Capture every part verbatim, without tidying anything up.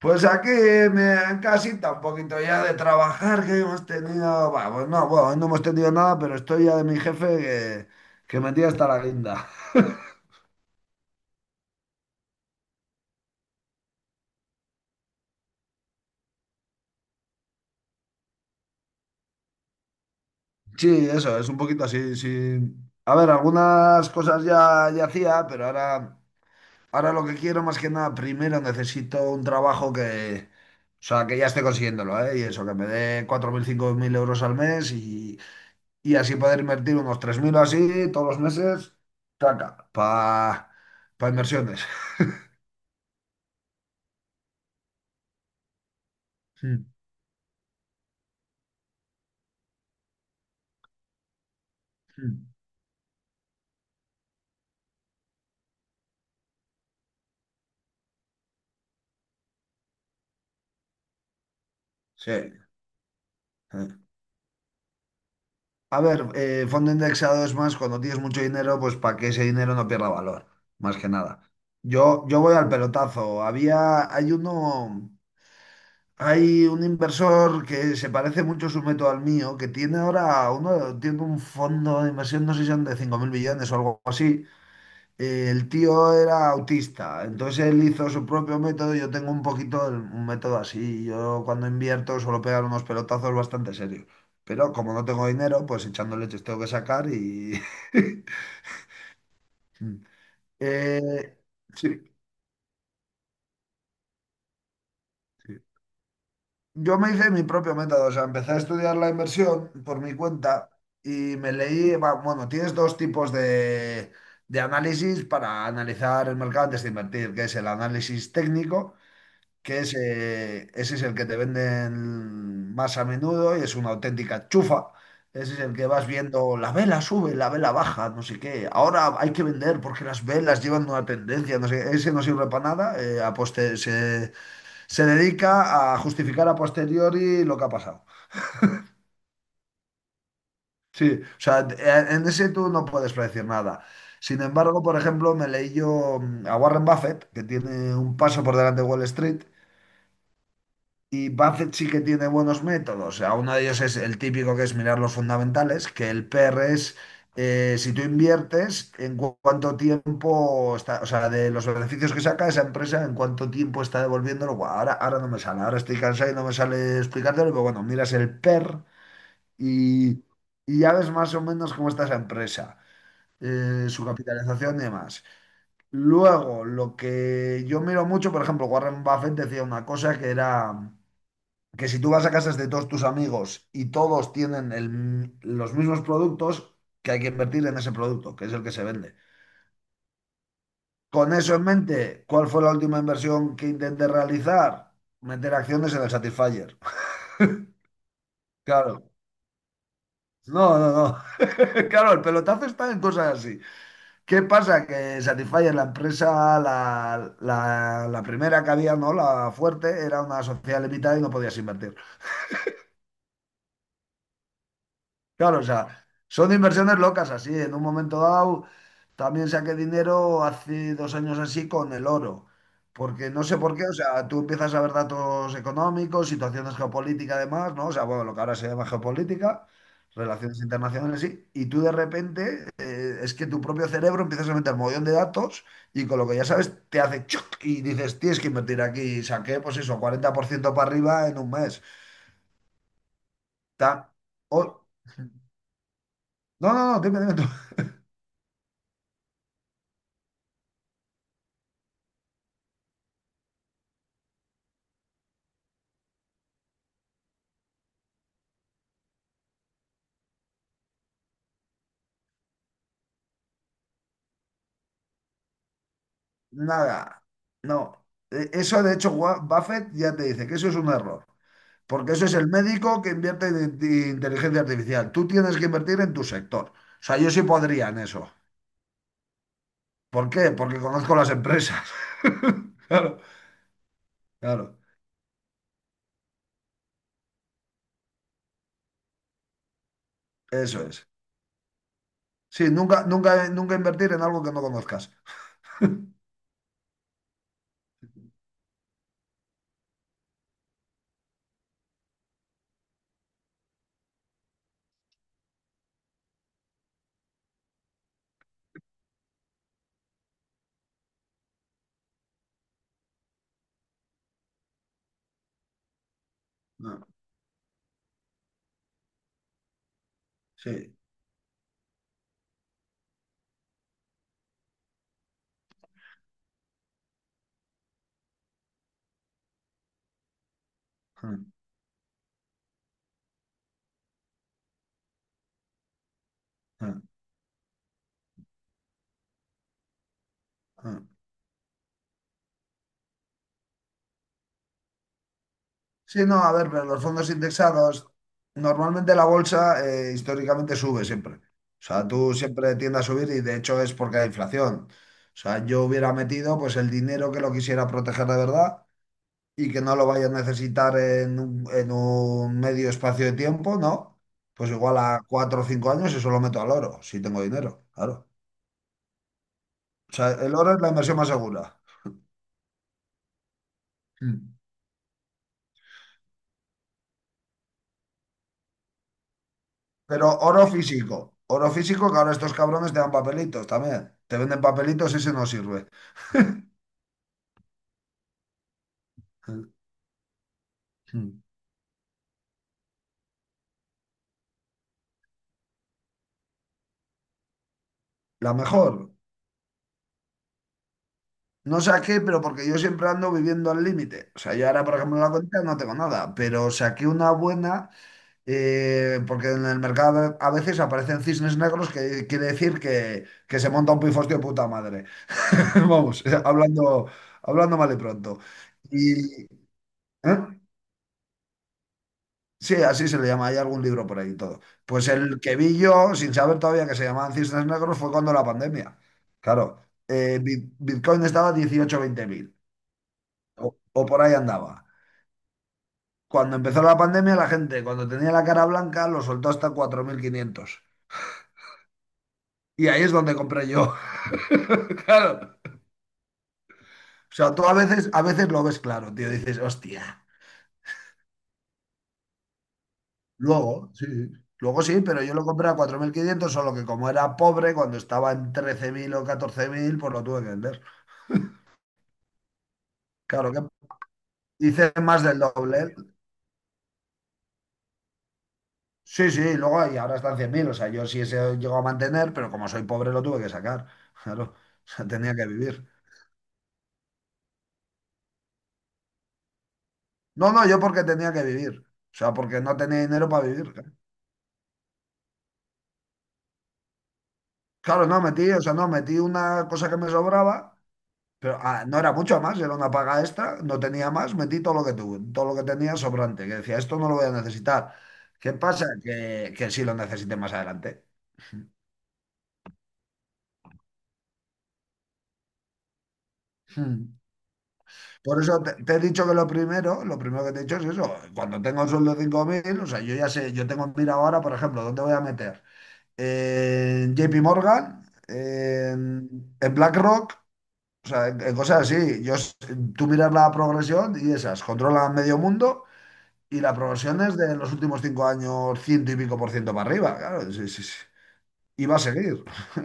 Pues aquí me, en casita un poquito ya de trabajar que hemos tenido, bah, pues no, bueno, hoy no hemos tenido nada, pero estoy ya de mi jefe que, que me tiene hasta la guinda. Sí, eso, es un poquito así, sí. A ver, algunas cosas ya, ya hacía, pero ahora, ahora lo que quiero más que nada, primero necesito un trabajo que, o sea, que ya esté consiguiéndolo, ¿eh? Y eso, que me dé cuatro mil, cinco mil euros al mes y, y así poder invertir unos tres mil o así todos los meses, taca, para inversiones. Mm, mm. Sí. Sí. A ver, eh, fondo indexado es más cuando tienes mucho dinero, pues para que ese dinero no pierda valor, más que nada. Yo, yo voy al pelotazo. Había, hay uno, hay un inversor que se parece mucho su método al mío, que tiene ahora uno, tiene un fondo de inversión, no sé si son de cinco mil millones o algo así, eh, el tío era autista, entonces él hizo su propio método. Yo tengo un poquito el- un método así. Yo cuando invierto suelo pegar unos pelotazos bastante serios. Pero como no tengo dinero, pues echando leches tengo que sacar y... Eh, sí, sí. Yo me hice mi propio método, o sea, empecé a estudiar la inversión por mi cuenta y me leí, va, bueno, tienes dos tipos de, de análisis para analizar el mercado antes de invertir, que es el análisis técnico que ese, ese es el que te venden más a menudo y es una auténtica chufa. Ese es el que vas viendo, la vela sube, la vela baja, no sé qué. Ahora hay que vender porque las velas llevan una tendencia, no sé, ese no sirve para nada. eh, a poste- se, se dedica a justificar a posteriori lo que ha pasado. Sí, o sea, e- en ese tú no puedes predecir nada. Sin embargo, por ejemplo, me leí yo mm, a Warren Buffett, que tiene un paso por delante de Wall Street. Y Buffett sí que tiene buenos métodos. O sea, uno de ellos es el típico que es mirar los fundamentales, que el P R es eh, si tú inviertes, en cu- cuánto tiempo está, o sea, de los beneficios que saca esa empresa, en cuánto tiempo está devolviéndolo. Buah, ahora, ahora no me sale, ahora estoy cansado y no me sale explicártelo, pero bueno, miras el PER y, y ya ves más o menos cómo está esa empresa, eh, su capitalización y demás. Luego, lo que yo miro mucho, por ejemplo, Warren Buffett decía una cosa que era que si tú vas a casas de todos tus amigos y todos tienen el los mismos productos, que hay que invertir en ese producto, que es el que se vende. Con eso en mente, ¿cuál fue la última inversión que intenté realizar? Meter acciones en el Satisfyer. Claro. No, no, no. Claro, el pelotazo está en cosas así. ¿Qué pasa? Que Satisfyer, la empresa, la, la, la primera que había, ¿no? La fuerte, era una sociedad limitada y no podías invertir. Claro, o sea, son inversiones locas así. En un momento dado también saqué dinero hace dos años así con el oro, porque no sé por qué, o sea, tú empiezas a ver datos económicos, situaciones geopolíticas además, ¿no? O sea, bueno, lo que ahora se llama geopolítica, relaciones internacionales, sí, y tú de repente eh, es que tu propio cerebro empiezas a meter un montón de datos y con lo que ya sabes te hace choc y dices, tienes que invertir aquí y saqué pues eso, cuarenta por ciento para arriba en un mes. Ta- o- No, no, no, dime, dime tú. Nada, no. E- Eso, de hecho, Wa- Buffett ya te dice que eso es un error, porque eso es el médico que invierte en in- inteligencia artificial. Tú tienes que invertir en tu sector. O sea, yo sí podría en eso. ¿Por qué? Porque conozco las empresas. Claro, claro, eso es. Sí, nunca, nunca, nunca invertir en algo que no conozcas. No, sí. Mm, mm, mm. Sí, no, a ver, pero los fondos indexados, normalmente la bolsa eh, históricamente sube siempre. O sea, tú siempre tiende a subir y de hecho es porque hay inflación. O sea, yo hubiera metido pues el dinero que lo quisiera proteger de verdad y que no lo vaya a necesitar en un, en un medio espacio de tiempo, ¿no? Pues igual a cuatro o cinco años eso lo meto al oro, si tengo dinero, claro. O sea, el oro es la inversión más segura. Mm. Pero oro físico. Oro físico que ahora estos cabrones te dan papelitos también. Te venden papelitos, ese no sirve. La mejor. No saqué, pero porque yo siempre ando viviendo al límite. O sea, yo ahora, por ejemplo, en la cuenta no tengo nada, pero saqué una buena, eh, porque en el mercado a veces aparecen cisnes negros, que quiere decir que, que se monta un pifostio de puta madre. Vamos, eh, hablando, hablando mal y pronto. Y, ¿eh? Sí, así se le llama. Hay algún libro por ahí y todo. Pues el que vi yo, sin saber todavía que se llamaban cisnes negros, fue cuando la pandemia. Claro, eh, Bit- Bitcoin estaba a dieciocho veinte mil o, o por ahí andaba. Cuando empezó la pandemia, la gente, cuando tenía la cara blanca, lo soltó hasta cuatro mil quinientos. Y ahí es donde compré yo. Claro. O sea, tú a veces, a veces lo ves claro, tío. Dices, hostia. Luego, sí. Sí. Luego sí, pero yo lo compré a cuatro mil quinientos solo que como era pobre, cuando estaba en trece mil o catorce mil pues lo tuve que vender. Claro que hice más del doble. Sí, sí, luego y ahora están cien mil o sea, yo sí se llegó a mantener, pero como soy pobre lo tuve que sacar. Claro, o sea, tenía que vivir. No, no, yo porque tenía que vivir. O sea, porque no tenía dinero para vivir. Claro, no metí, o sea, no metí una cosa que me sobraba. Pero ah, no era mucho más, era una paga extra, no tenía más, metí todo lo que tuve, todo lo que tenía sobrante, que decía, esto no lo voy a necesitar. ¿Qué pasa? Que, que sí lo necesité más adelante. Hmm. Por eso te, te he dicho que lo primero, lo primero que te he dicho es eso, cuando tengo un sueldo de cinco mil o sea, yo ya sé, yo tengo en mira ahora, por ejemplo, ¿dónde voy a meter? En J P Morgan, en, en BlackRock, o sea, en, en cosas así. Yo, s- tú miras la progresión y esas, controlan medio mundo. Y la progresión es de los últimos cinco años, ciento y pico por ciento para arriba, claro. Sí, sí, sí. Y va a seguir.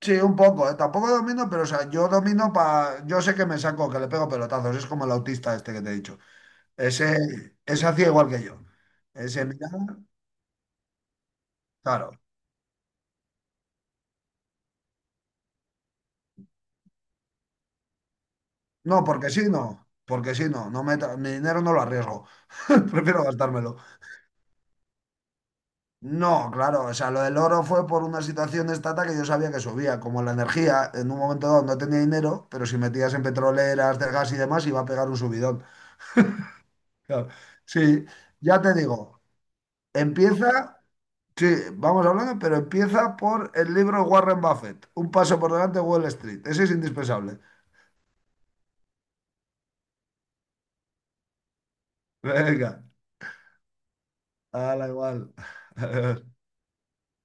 Sí, un poco, ¿eh? Tampoco domino, pero o sea, yo domino para. Yo sé que me saco, que le pego pelotazos. Es como el autista este que te he dicho. Ese, ese hacía igual que yo. Ese mira, claro. No, porque sí, no. Porque sí, no. No me tra- Mi dinero no lo arriesgo. Prefiero gastármelo. No, claro, o sea, lo del oro fue por una situación de estata que yo sabía que subía, como la energía, en un momento dado no tenía dinero, pero si metías en petroleras, del gas y demás, iba a pegar un subidón. Claro. Sí, ya te digo, empieza, sí, vamos hablando, pero empieza por el libro Warren Buffett, Un paso por delante de Wall Street, ese es indispensable. Venga, la igual.